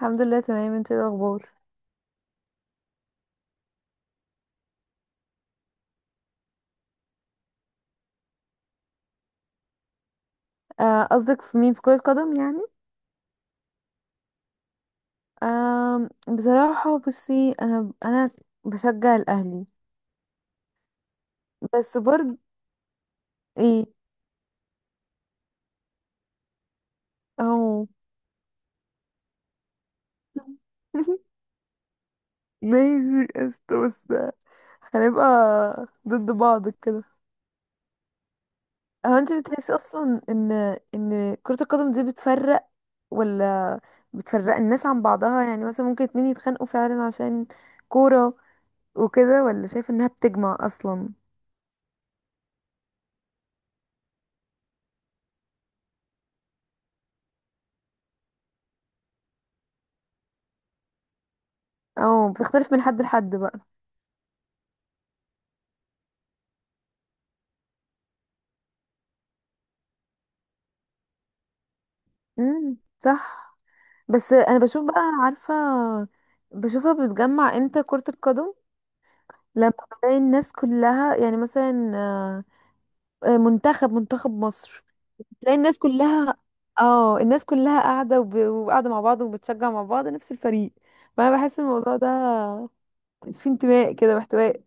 الحمد لله تمام. انت ايه الاخبار؟ قصدك في مين، في كرة قدم يعني؟ آه، بصراحة بصي، انا بشجع الاهلي. بس برضه ايه. اهو. ماشي، قشطة. بس هنبقى ضد بعض كده. هو انت بتحسي اصلا ان ان كرة القدم دي بتفرق، ولا بتفرق الناس عن بعضها؟ يعني مثلا ممكن اتنين يتخانقوا فعلا عشان كورة وكده، ولا شايف انها بتجمع اصلا، او بتختلف من حد لحد بقى؟ امم، صح. بس انا بشوف بقى، عارفه، بشوفها بتجمع امتى كره القدم؟ لما بلاقي الناس كلها يعني مثلا منتخب منتخب مصر، تلاقي الناس كلها، اه الناس كلها قاعده وقاعده مع بعض وبتشجع مع بعض نفس الفريق. فانا بحس الموضوع ده في انتماء كده واحتواء.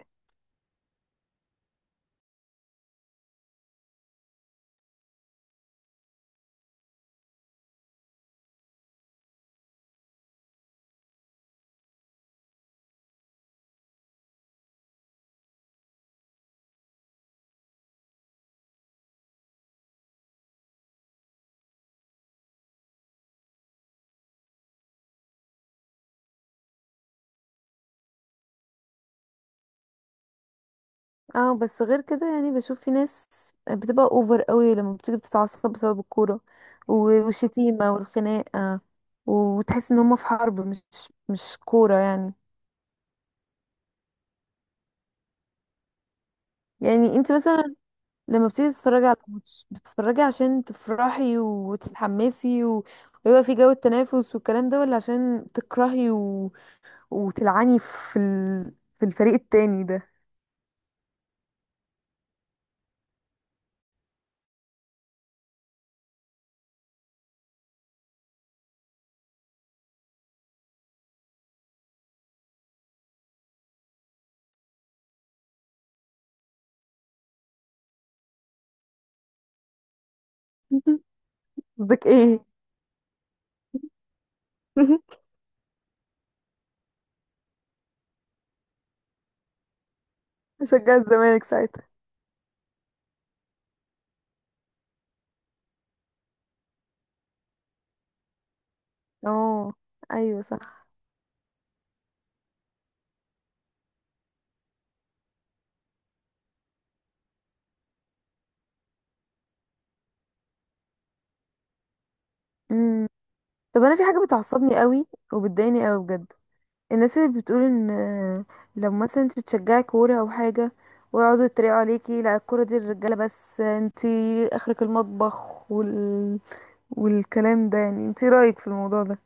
اه بس غير كده، يعني بشوف في ناس بتبقى اوفر قوي، لما بتيجي بتتعصب بسبب الكوره والشتيمه والخناقه، وتحس ان هما في حرب، مش كوره يعني. يعني انت مثلا لما بتيجي تتفرجي على ماتش، بتتفرجي عشان تفرحي وتتحمسي ويبقى في جو التنافس والكلام ده، ولا عشان تكرهي وتلعني في في الفريق التاني ده؟ قصدك ايه؟ بشجع الزمالك ساعتها؟ اه ايوه صح. طب انا في حاجه بتعصبني قوي وبتضايقني قوي بجد، الناس اللي بتقول ان لو مثلا انت بتشجعي كوره او حاجه، ويقعدوا يتريقوا عليكي، لا الكوره دي للرجاله بس، انت اخرك المطبخ والكلام ده. يعني انت إيه رايك في الموضوع ده؟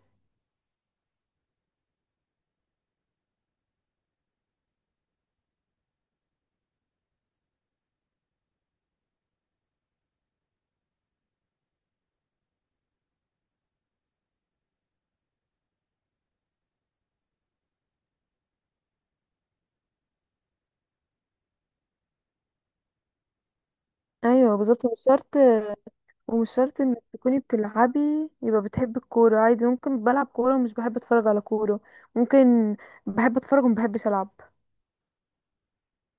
ايوه بالظبط، مش شرط. ومش شرط انك تكوني بتلعبي يبقى بتحبي الكوره، عادي. ممكن بلعب كوره ومش بحب اتفرج على كوره، ممكن بحب اتفرج ومبحبش العب.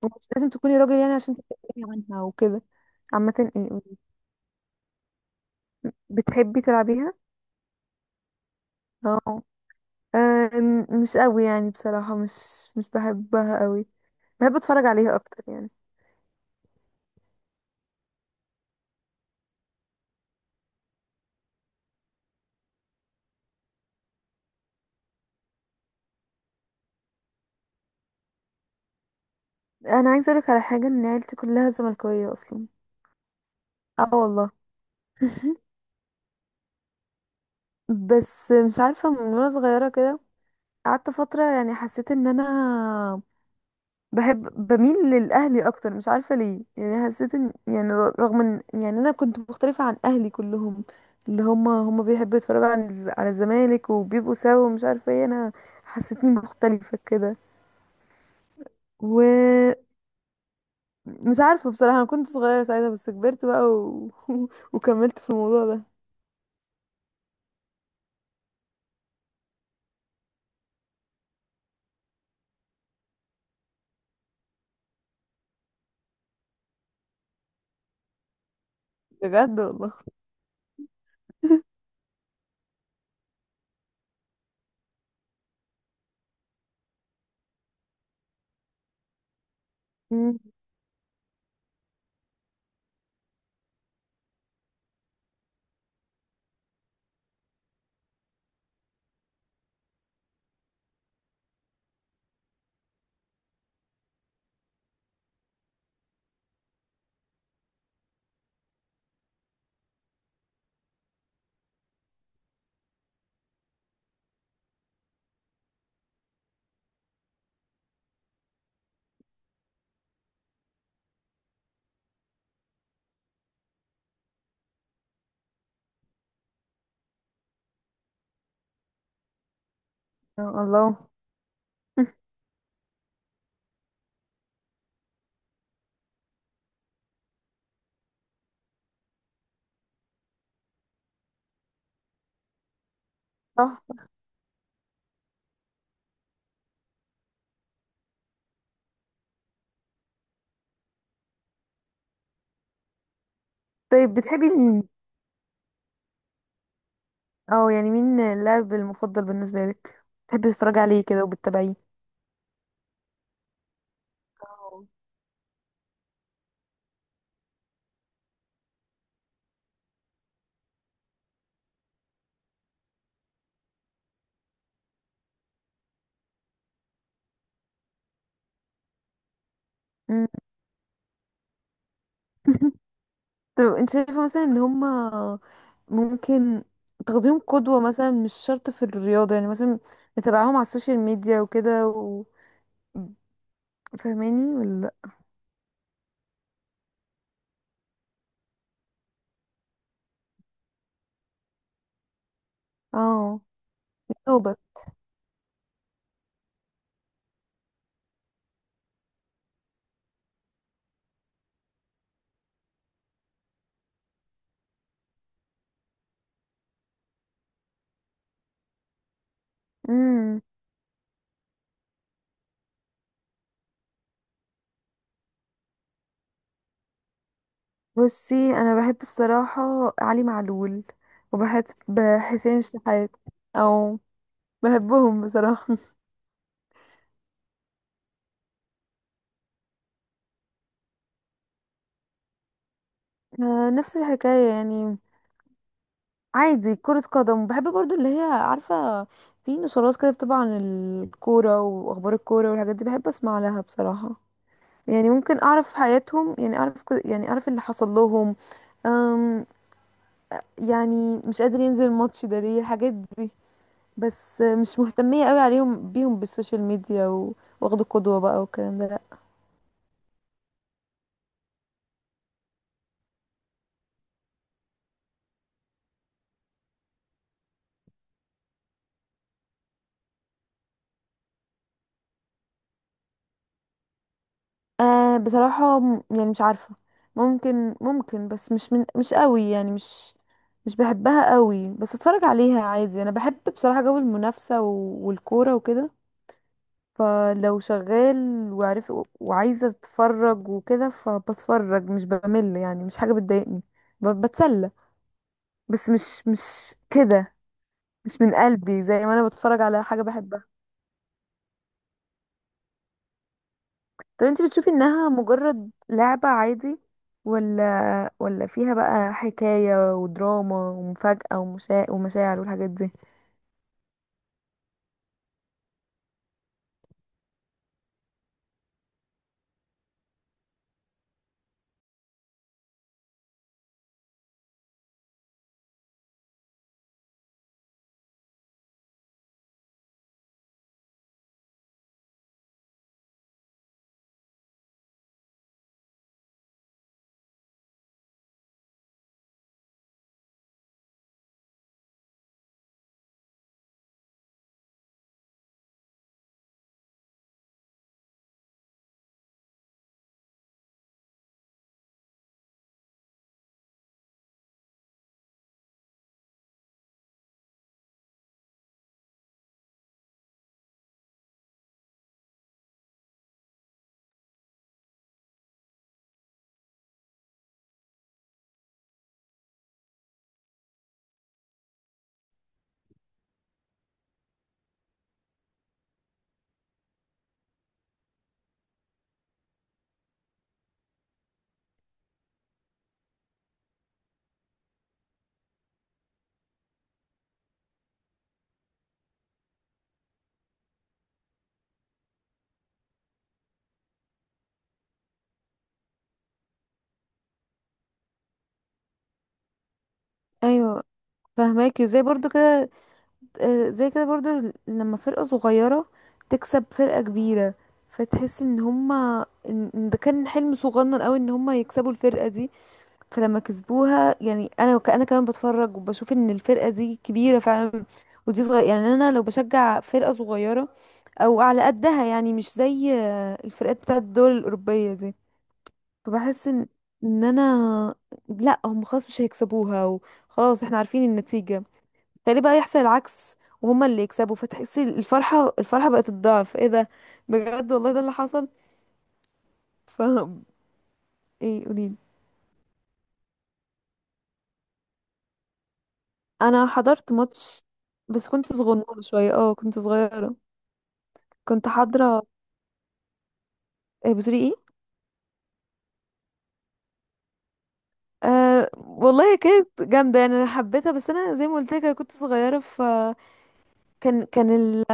ومش لازم تكوني راجل يعني عشان تتكلمي عنها وكده. عامه ايه، بتحبي تلعبيها؟ اه. آه، مش قوي يعني، بصراحة مش بحبها قوي، بحب اتفرج عليها اكتر يعني. انا عايزة اقولك على حاجة، ان عيلتي كلها زملكاوية اصلا. اه والله. بس مش عارفة، من وانا صغيرة كده قعدت فترة، يعني حسيت ان انا بحب، بميل للاهلي اكتر، مش عارفه ليه. يعني حسيت ان يعني، رغم ان يعني انا كنت مختلفه عن اهلي كلهم، اللي هم بيحبوا يتفرجوا عن على الزمالك وبيبقوا سوا ومش عارفه ايه، انا حسيتني مختلفه كده. ومش عارفه بصراحه، انا كنت صغيره ساعتها، بس كبرت بقى وكملت في الموضوع ده. بجد والله. مم. الله. صح. طيب بتحبي مين؟ اه يعني مين اللاعب المفضل بالنسبه لك بتحبي تتفرجي عليه كده وبتتابعيه؟ أو. مم. طب انت شايفة مثلا ان هما ممكن تاخديهم قدوة، مثلا مش شرط في الرياضة، يعني مثلا متابعاهم على السوشيال ميديا وكده فاهماني، ولا لأ؟ اه توبة. امم بصي انا بحب بصراحة علي معلول، وبحب حسين شحات، او بحبهم بصراحة. نفس الحكاية يعني. عادي، كرة قدم بحب برضو، اللي هي عارفة في نشرات كده بتبقى عن الكورة، وأخبار الكورة والحاجات دي، بحب أسمع لها بصراحة. يعني ممكن أعرف حياتهم، يعني أعرف يعني أعرف اللي حصل لهم. أم يعني مش قادر ينزل الماتش ده ليه، الحاجات دي. بس مش مهتمية قوي بيهم بالسوشيال ميديا واخدوا قدوة بقى والكلام ده. بصراحة يعني مش عارفة، ممكن بس مش من، مش قوي يعني، مش بحبها قوي، بس اتفرج عليها عادي. انا بحب بصراحة جو المنافسة والكورة وكده، فلو شغال وعارف وعايزة اتفرج وكده فبتفرج، مش بمل يعني، مش حاجة بتضايقني، بتسلى. بس مش مش كده، مش من قلبي زي ما انا بتفرج على حاجة بحبها. طب انت بتشوفي انها مجرد لعبة عادي، ولا فيها بقى حكاية ودراما ومفاجأة ومشاعر والحاجات دي؟ ايوه فهماكي، زي برضو كده. زي كده برضو، لما فرقة صغيرة تكسب فرقة كبيرة، فتحسي ان هما ان إن ده كان حلم صغنن قوي ان هما يكسبوا الفرقة دي. فلما كسبوها يعني انا انا كمان بتفرج، وبشوف ان الفرقه دي كبيره فعلا ودي صغيره. يعني انا لو بشجع فرقه صغيره او على قدها، يعني مش زي الفرقات بتاعت الدول الاوروبيه دي، فبحس ان ان انا لا هم خلاص مش هيكسبوها وخلاص احنا عارفين النتيجه، فليه بقى يحصل العكس وهما اللي يكسبوا؟ فتحسي الفرحه، الفرحه بقت الضعف، ايه ده! بجد والله ده اللي حصل. ف ايه، قوليلي. انا حضرت ماتش، بس كنت صغنونه شويه، اه كنت صغيره. كنت حاضره. بتقولي ايه؟ أه والله كانت جامده، يعني انا حبيتها، بس انا زي ما قلت لك أنا كنت صغيره. ف كان ال،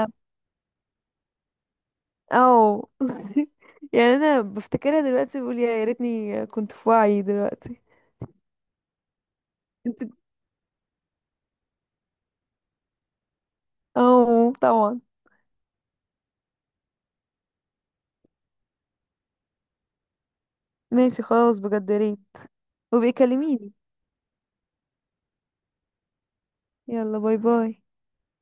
اه. يعني انا بفتكرها دلوقتي بقول يا ريتني كنت في وعي دلوقتي. انت. اه طبعا. ماشي خلاص، بجد يا ريت. وبيكلميني. يلا باي باي.